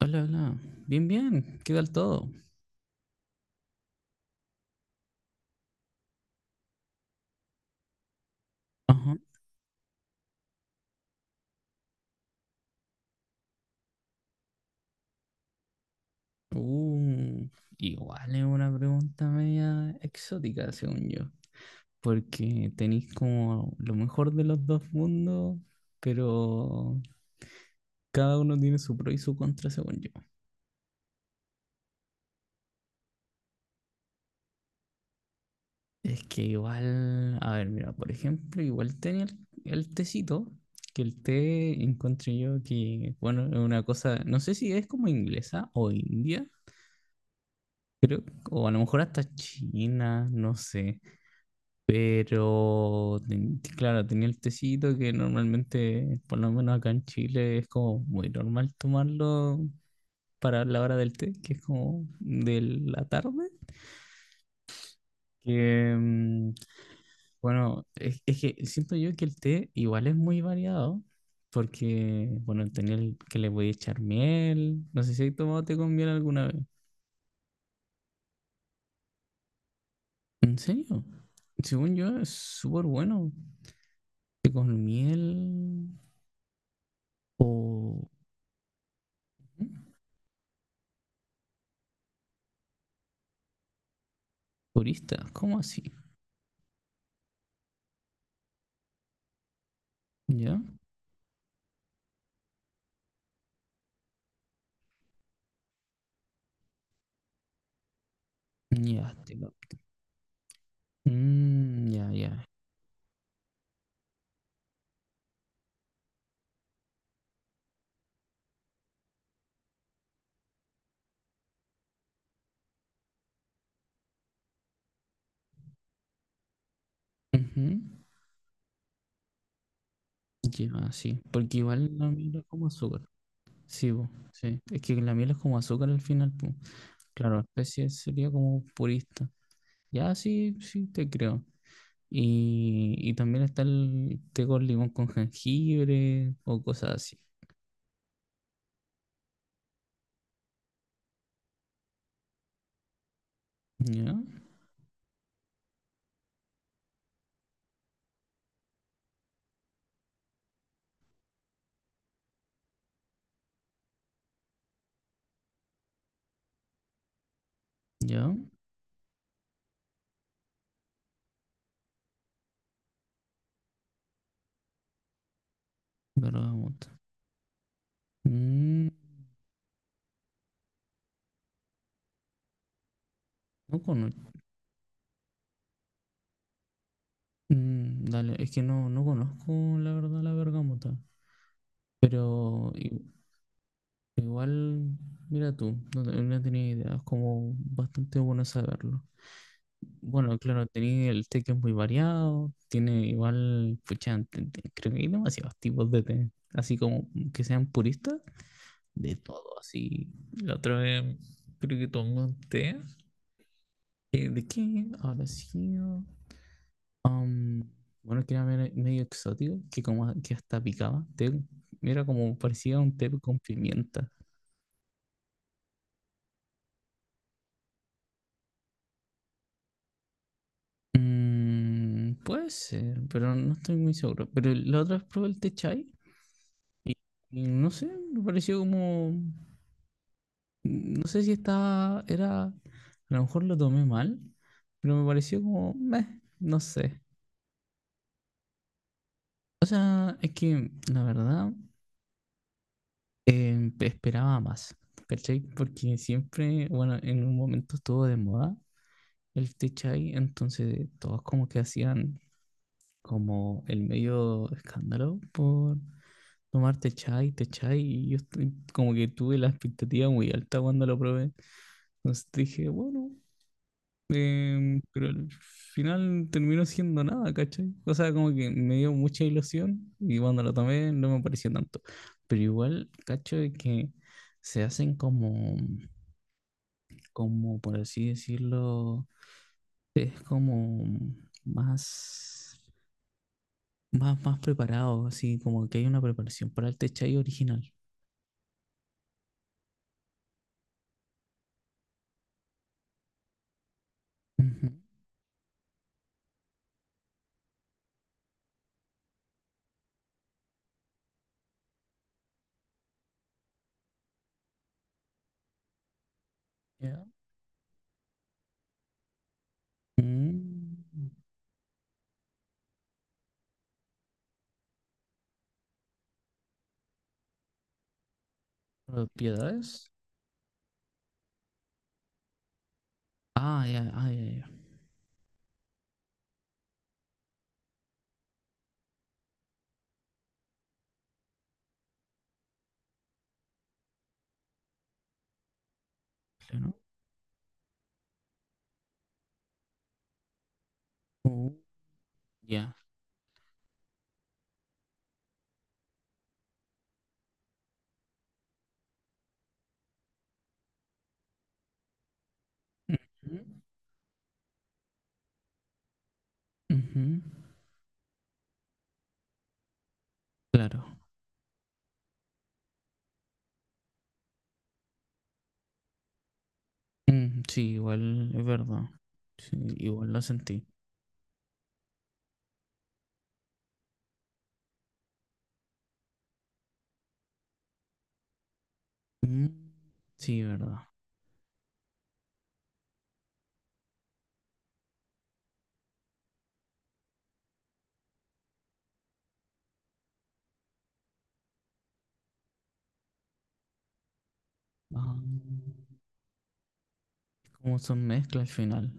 Hola, hola. Bien, bien. ¿Qué tal todo? Ajá. Uh, Igual es una pregunta media exótica, según yo. Porque tenéis como lo mejor de los dos mundos, pero cada uno tiene su pro y su contra, según yo. Es que igual, a ver, mira, por ejemplo, igual tenía el tecito, que el té encontré yo que, bueno, es una cosa, no sé si es como inglesa o india, creo, o a lo mejor hasta china, no sé. Pero, claro, tenía el tecito que normalmente, por lo menos acá en Chile, es como muy normal tomarlo para la hora del té, que es como de la tarde. Que, bueno, es que siento yo que el té igual es muy variado, porque, bueno, tenía el que le voy a echar miel. No sé si he tomado té con miel alguna vez. ¿En serio? Según yo, es súper bueno. Té con miel o... ¿Mm? Turista, ¿cómo así? ¿Ya? Ya, te capto. Mm, ya, ya. Ujú. Ya, sí. Porque igual la miel es como azúcar. Sí, po, sí. Es que la miel es como azúcar al final, po. Claro, especie sería como purista. Ya, sí, sí, te creo. Y también está el té con limón con jengibre o cosas así. Ya, ya. Bergamota. Mm, no conozco. Mm, dale, es que no, no conozco la verdad la bergamota. Pero i- Igual, mira tú, no, no tenía idea, es como bastante bueno saberlo. Bueno, claro, tenía el té que es muy variado, tiene igual, pucha, creo que hay demasiados tipos de té, así como que sean puristas, de todo, así. La otra vez creo que tomé un té. ¿De qué? Ahora sí. Um, bueno, que era medio exótico, que como que hasta picaba. Té, era como parecía un té con pimienta. Mm, puede ser, pero no estoy muy seguro. Pero la otra vez probé el té chai y no sé, me pareció como mm, no sé si estaba. Era. A lo mejor lo tomé mal, pero me pareció como meh, no sé. O sea, es que la verdad esperaba más, ¿cachai? Porque siempre, bueno, en un momento estuvo de moda el té chai, entonces todos como que hacían como el medio escándalo por tomarte chai, te chai, y como que tuve la expectativa muy alta cuando lo probé. Entonces dije, bueno, pero al final terminó siendo nada, ¿cachai? O sea, como que me dio mucha ilusión y cuando lo tomé no me pareció tanto. Pero igual, cacho, de que se hacen como, como por así decirlo, es como más, más preparado, así como que hay una preparación para el té chai original. Ujú. Ya. Mm. Propiedades. Ah, ya, ah, ya, ya. Claro. Oh, ya. Ujú, ujú. Claro. Mm, sí, igual es verdad. Sí, igual lo sentí. Mm, sí, verdad. Ah, como son mezcla al final.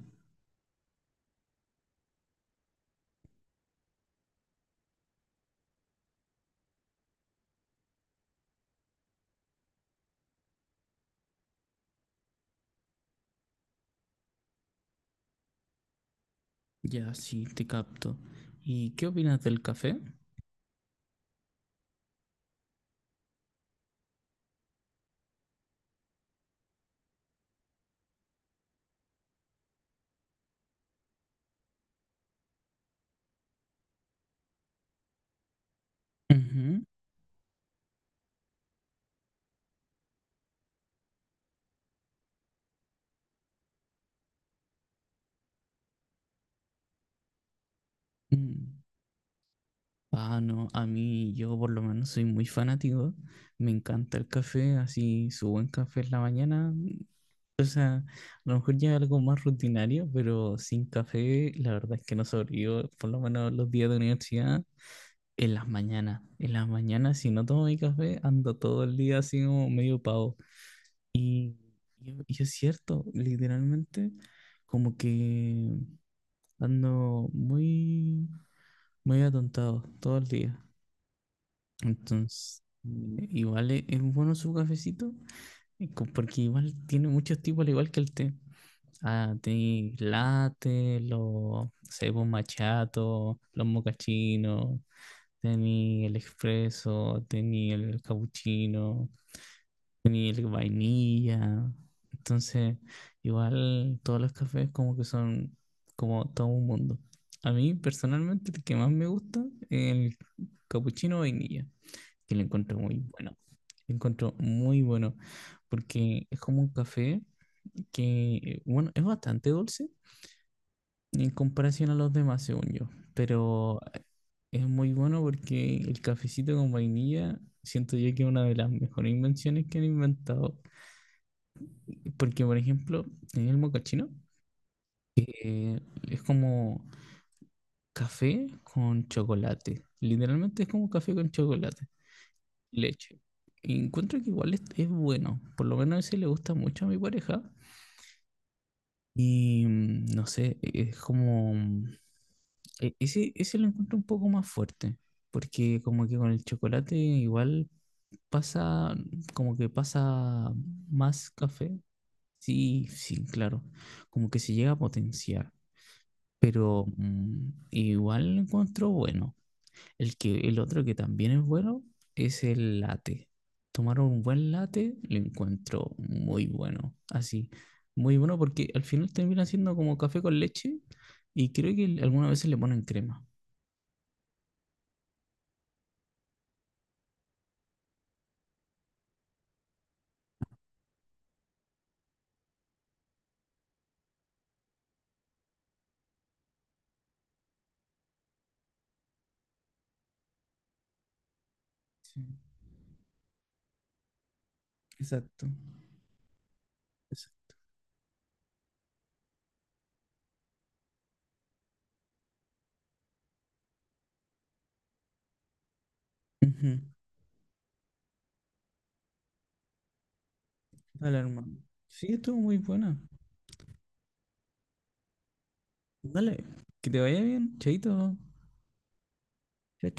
Ya, sí, te capto. ¿Y qué opinas del café? Ujú. mm. Ah, no, a mí yo por lo menos soy muy fanático. Me encanta el café, así su buen café en la mañana. O sea, a lo mejor ya algo más rutinario, pero sin café, la verdad es que no sobrevivo, por lo menos los días de universidad, en las mañanas. En las mañanas, si no tomo mi café, ando todo el día así como medio pavo. Y, y es cierto, literalmente, como que ando muy, muy atontado todo el día. Entonces, igual es bueno su cafecito, porque igual tiene muchos tipos, al igual que el té. Ah, tenéis latte, los cebos machatos, los mocachinos, tení el expreso, tení el capuchino, tení el vainilla. Entonces, igual todos los cafés como que son como todo un mundo. A mí personalmente el que más me gusta es el capuchino vainilla, que lo encuentro muy bueno. Lo encuentro muy bueno porque es como un café que, bueno, es bastante dulce en comparación a los demás, según yo. Pero es muy bueno porque el cafecito con vainilla, siento yo que es una de las mejores invenciones que han inventado. Porque, por ejemplo, en el mocachino eh, es como café con chocolate. Literalmente es como café con chocolate, leche. Y encuentro que igual es bueno. Por lo menos ese le gusta mucho a mi pareja. Y no sé, es como... Ese, ese lo encuentro un poco más fuerte, porque como que con el chocolate igual pasa, como que pasa más café. Sí, sí, claro, como que se llega a potenciar, pero igual lo encuentro bueno. El que, el otro que también es bueno es el latte. Tomar un buen latte lo encuentro muy bueno. Así, muy bueno porque al final termina siendo como café con leche y creo que algunas veces le ponen crema. Sí, exacto. Exacto. Ujú. Dale, hermano. Sí, estuvo muy buena. Dale, que te vaya bien, chaito. Chao,